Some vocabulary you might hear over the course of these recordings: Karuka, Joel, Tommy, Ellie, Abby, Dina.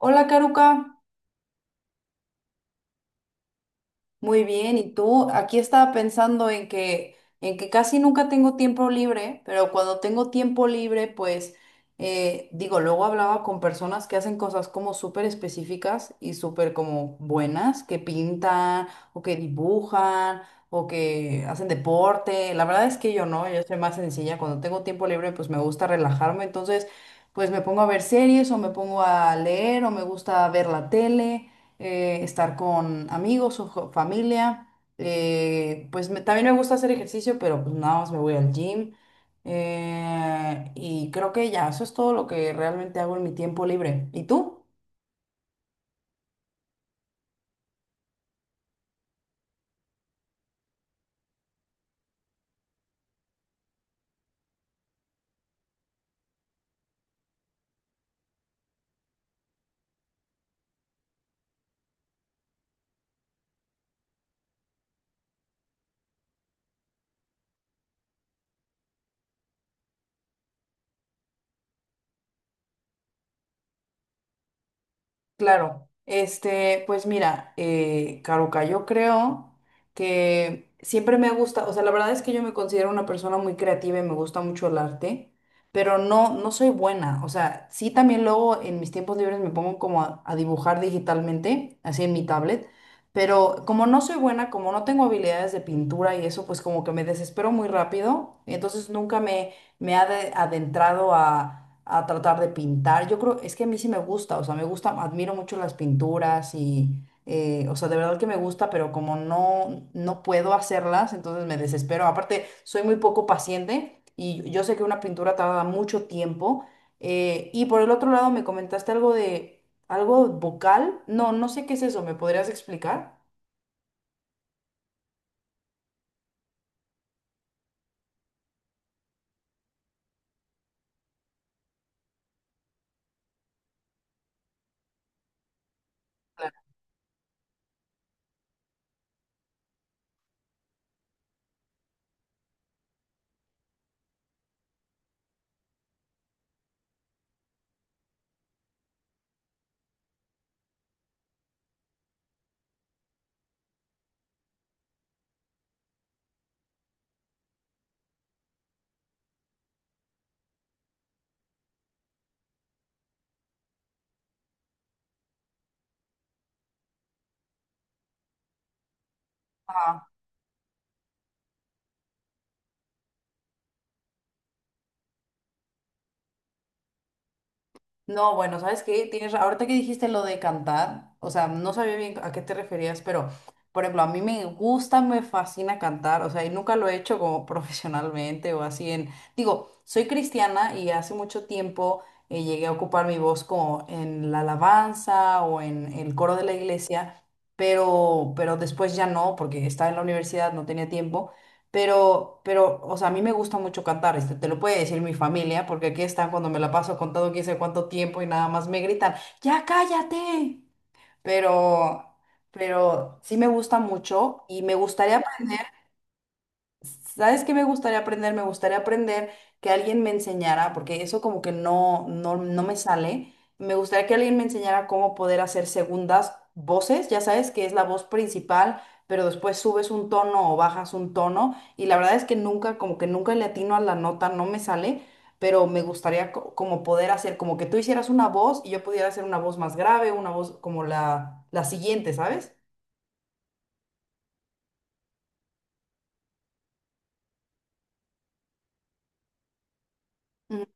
Hola, Karuka. Muy bien, ¿y tú? Aquí estaba pensando en que casi nunca tengo tiempo libre, pero cuando tengo tiempo libre, pues digo, luego hablaba con personas que hacen cosas como súper específicas y súper como buenas, que pintan o que dibujan o que hacen deporte. La verdad es que yo no, yo soy más sencilla. Cuando tengo tiempo libre, pues me gusta relajarme, entonces pues me pongo a ver series o me pongo a leer o me gusta ver la tele. Estar con amigos o familia. También me gusta hacer ejercicio, pero pues nada más me voy al gym. Y creo que ya, eso es todo lo que realmente hago en mi tiempo libre. ¿Y tú? Claro, este, pues mira, Caruca, yo creo que siempre me gusta, o sea, la verdad es que yo me considero una persona muy creativa y me gusta mucho el arte, pero no, no soy buena, o sea, sí también luego en mis tiempos libres me pongo como a dibujar digitalmente, así en mi tablet, pero como no soy buena, como no tengo habilidades de pintura y eso, pues como que me desespero muy rápido, entonces nunca me, me ha adentrado a tratar de pintar. Yo creo, es que a mí sí me gusta, o sea, me gusta, admiro mucho las pinturas y, o sea, de verdad que me gusta, pero como no, no puedo hacerlas, entonces me desespero. Aparte, soy muy poco paciente y yo sé que una pintura tarda mucho tiempo. Y por el otro lado, me comentaste algo de, algo vocal. No, no sé qué es eso, ¿me podrías explicar? Claro. No, bueno, ¿sabes qué? Tienes, ahorita que dijiste lo de cantar, o sea, no sabía bien a qué te referías, pero, por ejemplo, a mí me gusta, me fascina cantar, o sea, y nunca lo he hecho como profesionalmente o así en, digo, soy cristiana y hace mucho tiempo llegué a ocupar mi voz como en la alabanza o en el coro de la iglesia, pero después ya no, porque estaba en la universidad, no tenía tiempo. Pero, o sea, a mí me gusta mucho cantar, este, te lo puede decir mi familia, porque aquí están cuando me la paso contando quién sabe cuánto tiempo y nada más me gritan, ¡ya cállate! Pero, pero sí me gusta mucho y me gustaría aprender. ¿Sabes qué me gustaría aprender? Me gustaría aprender que alguien me enseñara, porque eso como que no, no, no me sale. Me gustaría que alguien me enseñara cómo poder hacer segundas voces, ya sabes que es la voz principal, pero después subes un tono o bajas un tono y la verdad es que nunca, como que nunca le atino a la nota, no me sale, pero me gustaría como poder hacer, como que tú hicieras una voz y yo pudiera hacer una voz más grave, una voz como la siguiente, ¿sabes? Ujú.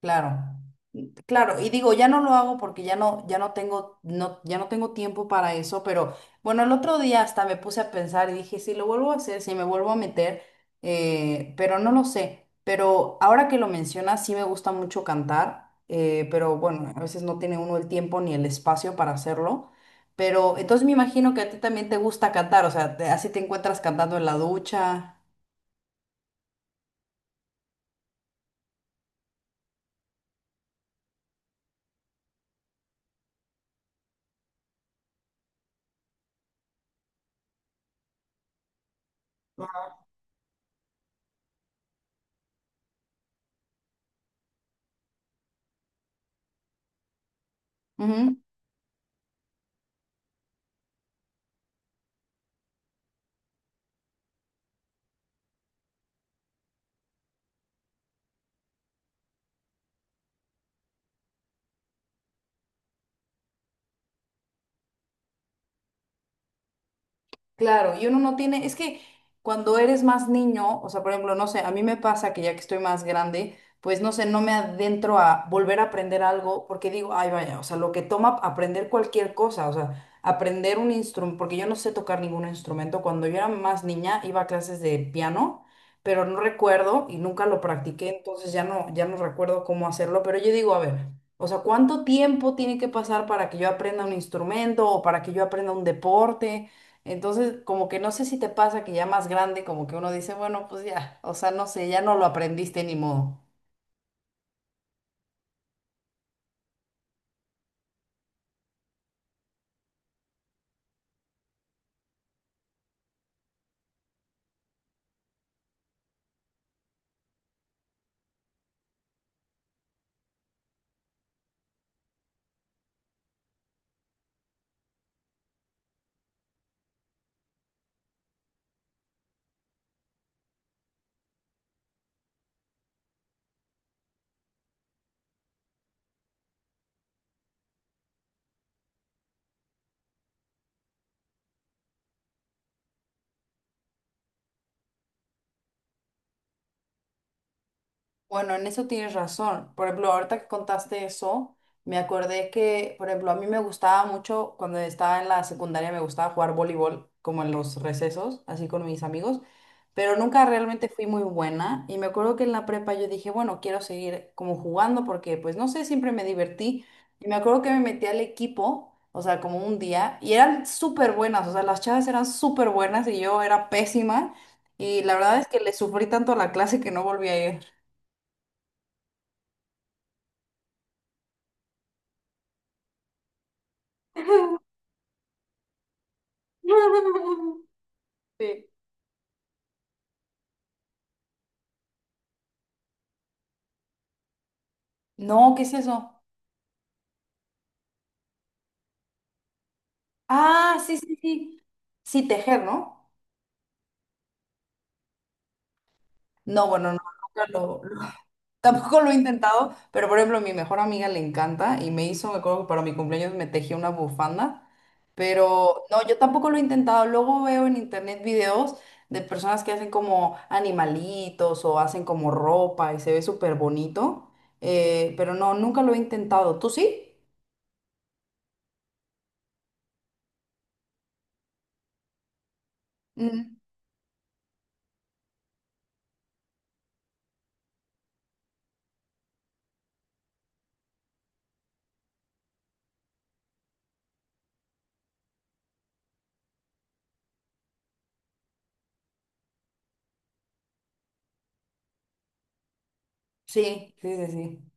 Claro. Claro, y digo, ya no lo hago porque ya no, ya no tengo, no, ya no tengo tiempo para eso, pero bueno, el otro día hasta me puse a pensar y dije, si lo vuelvo a hacer, si me vuelvo a meter, pero no lo sé. Pero ahora que lo mencionas, sí me gusta mucho cantar, pero bueno, a veces no tiene uno el tiempo ni el espacio para hacerlo. Pero entonces me imagino que a ti también te gusta cantar, o sea, así te encuentras cantando en la ducha. Ujú. Claro, y uno no tiene, es que cuando eres más niño, o sea, por ejemplo, no sé, a mí me pasa que ya que estoy más grande, pues no sé, no me adentro a volver a aprender algo porque digo, ay, vaya, o sea, lo que toma aprender cualquier cosa, o sea, aprender un instrumento, porque yo no sé tocar ningún instrumento, cuando yo era más niña iba a clases de piano, pero no recuerdo y nunca lo practiqué, entonces ya no, ya no recuerdo cómo hacerlo, pero yo digo, a ver. O sea, ¿cuánto tiempo tiene que pasar para que yo aprenda un instrumento o para que yo aprenda un deporte? Entonces, como que no sé si te pasa que ya más grande, como que uno dice, bueno, pues ya, o sea, no sé, ya no lo aprendiste, ni modo. Bueno, en eso tienes razón. Por ejemplo, ahorita que contaste eso, me acordé que, por ejemplo, a mí me gustaba mucho cuando estaba en la secundaria, me gustaba jugar voleibol, como en los recesos, así con mis amigos, pero nunca realmente fui muy buena. Y me acuerdo que en la prepa yo dije, bueno, quiero seguir como jugando porque, pues, no sé, siempre me divertí. Y me acuerdo que me metí al equipo, o sea, como un día, y eran súper buenas, o sea, las chavas eran súper buenas y yo era pésima. Y la verdad es que le sufrí tanto a la clase que no volví a ir. Sí. No, ¿qué es eso? Ah, sí, sí, sí. Sí, tejer, ¿no? No, bueno, no, nunca tampoco lo he intentado, pero por ejemplo, a mi mejor amiga le encanta y me hizo, me acuerdo que para mi cumpleaños me tejió una bufanda, pero no, yo tampoco lo he intentado. Luego veo en internet videos de personas que hacen como animalitos o hacen como ropa y se ve súper bonito, pero no, nunca lo he intentado. ¿Tú sí? Mm. Sí, sí, sí, sí.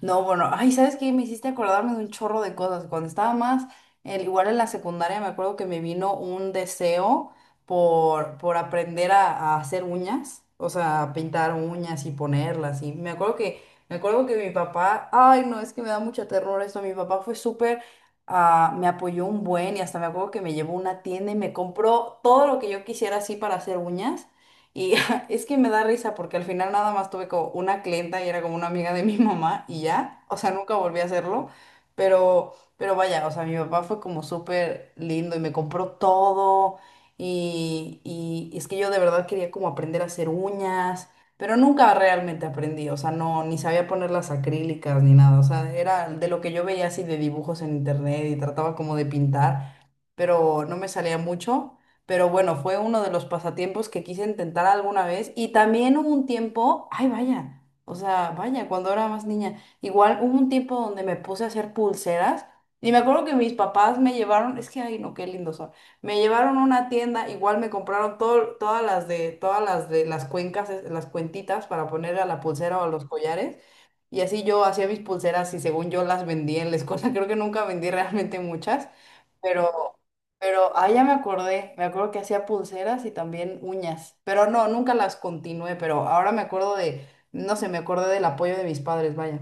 No, bueno, ay, ¿sabes qué? Me hiciste acordarme de un chorro de cosas. Cuando estaba más, igual en la secundaria, me acuerdo que me vino un deseo por aprender a hacer uñas, o sea, pintar uñas y ponerlas. Y me acuerdo que mi papá, ay, no, es que me da mucha terror esto. Mi papá fue súper, ah, me apoyó un buen y hasta me acuerdo que me llevó a una tienda y me compró todo lo que yo quisiera así para hacer uñas. Y amiga, es que me da risa porque al final nada más tuve como una clienta y era como una amiga de mi mamá y ya, o sea, nunca volví a hacerlo, pero vaya, o sea, mi papá fue como súper lindo y me compró todo y es que yo de verdad quería como aprender a hacer uñas, pero nunca realmente aprendí, o sea, no, ni sabía poner las acrílicas ni nada, o sea, era de lo que yo veía así de dibujos en internet y trataba como de pintar, pero no me salía mucho. Pero bueno, fue uno de los pasatiempos que quise intentar alguna vez. Y también hubo un tiempo, ay vaya, o sea, vaya, cuando era más niña, igual hubo un tiempo donde me puse a hacer pulseras. Y me acuerdo que mis papás me llevaron, es que ay no, qué lindos son. Me llevaron a una tienda, igual me compraron todo, todas las de las cuencas, las cuentitas para poner a la pulsera o a los collares. Y así yo hacía mis pulseras y según yo las vendía en la escuela. Creo que nunca vendí realmente muchas. Pero ah, ya me acordé, me acuerdo que hacía pulseras y también uñas, pero no, nunca las continué, pero ahora me acuerdo de, no sé, me acordé del apoyo de mis padres, vaya.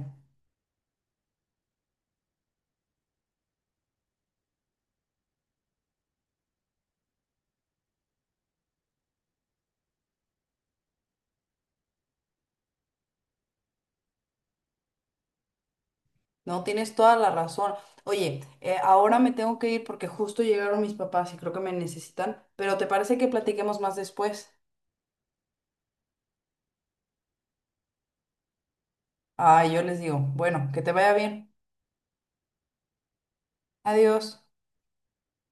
No, tienes toda la razón. Oye, ahora me tengo que ir porque justo llegaron mis papás y creo que me necesitan, pero ¿te parece que platiquemos más después? Ah, yo les digo, bueno, que te vaya bien. Adiós.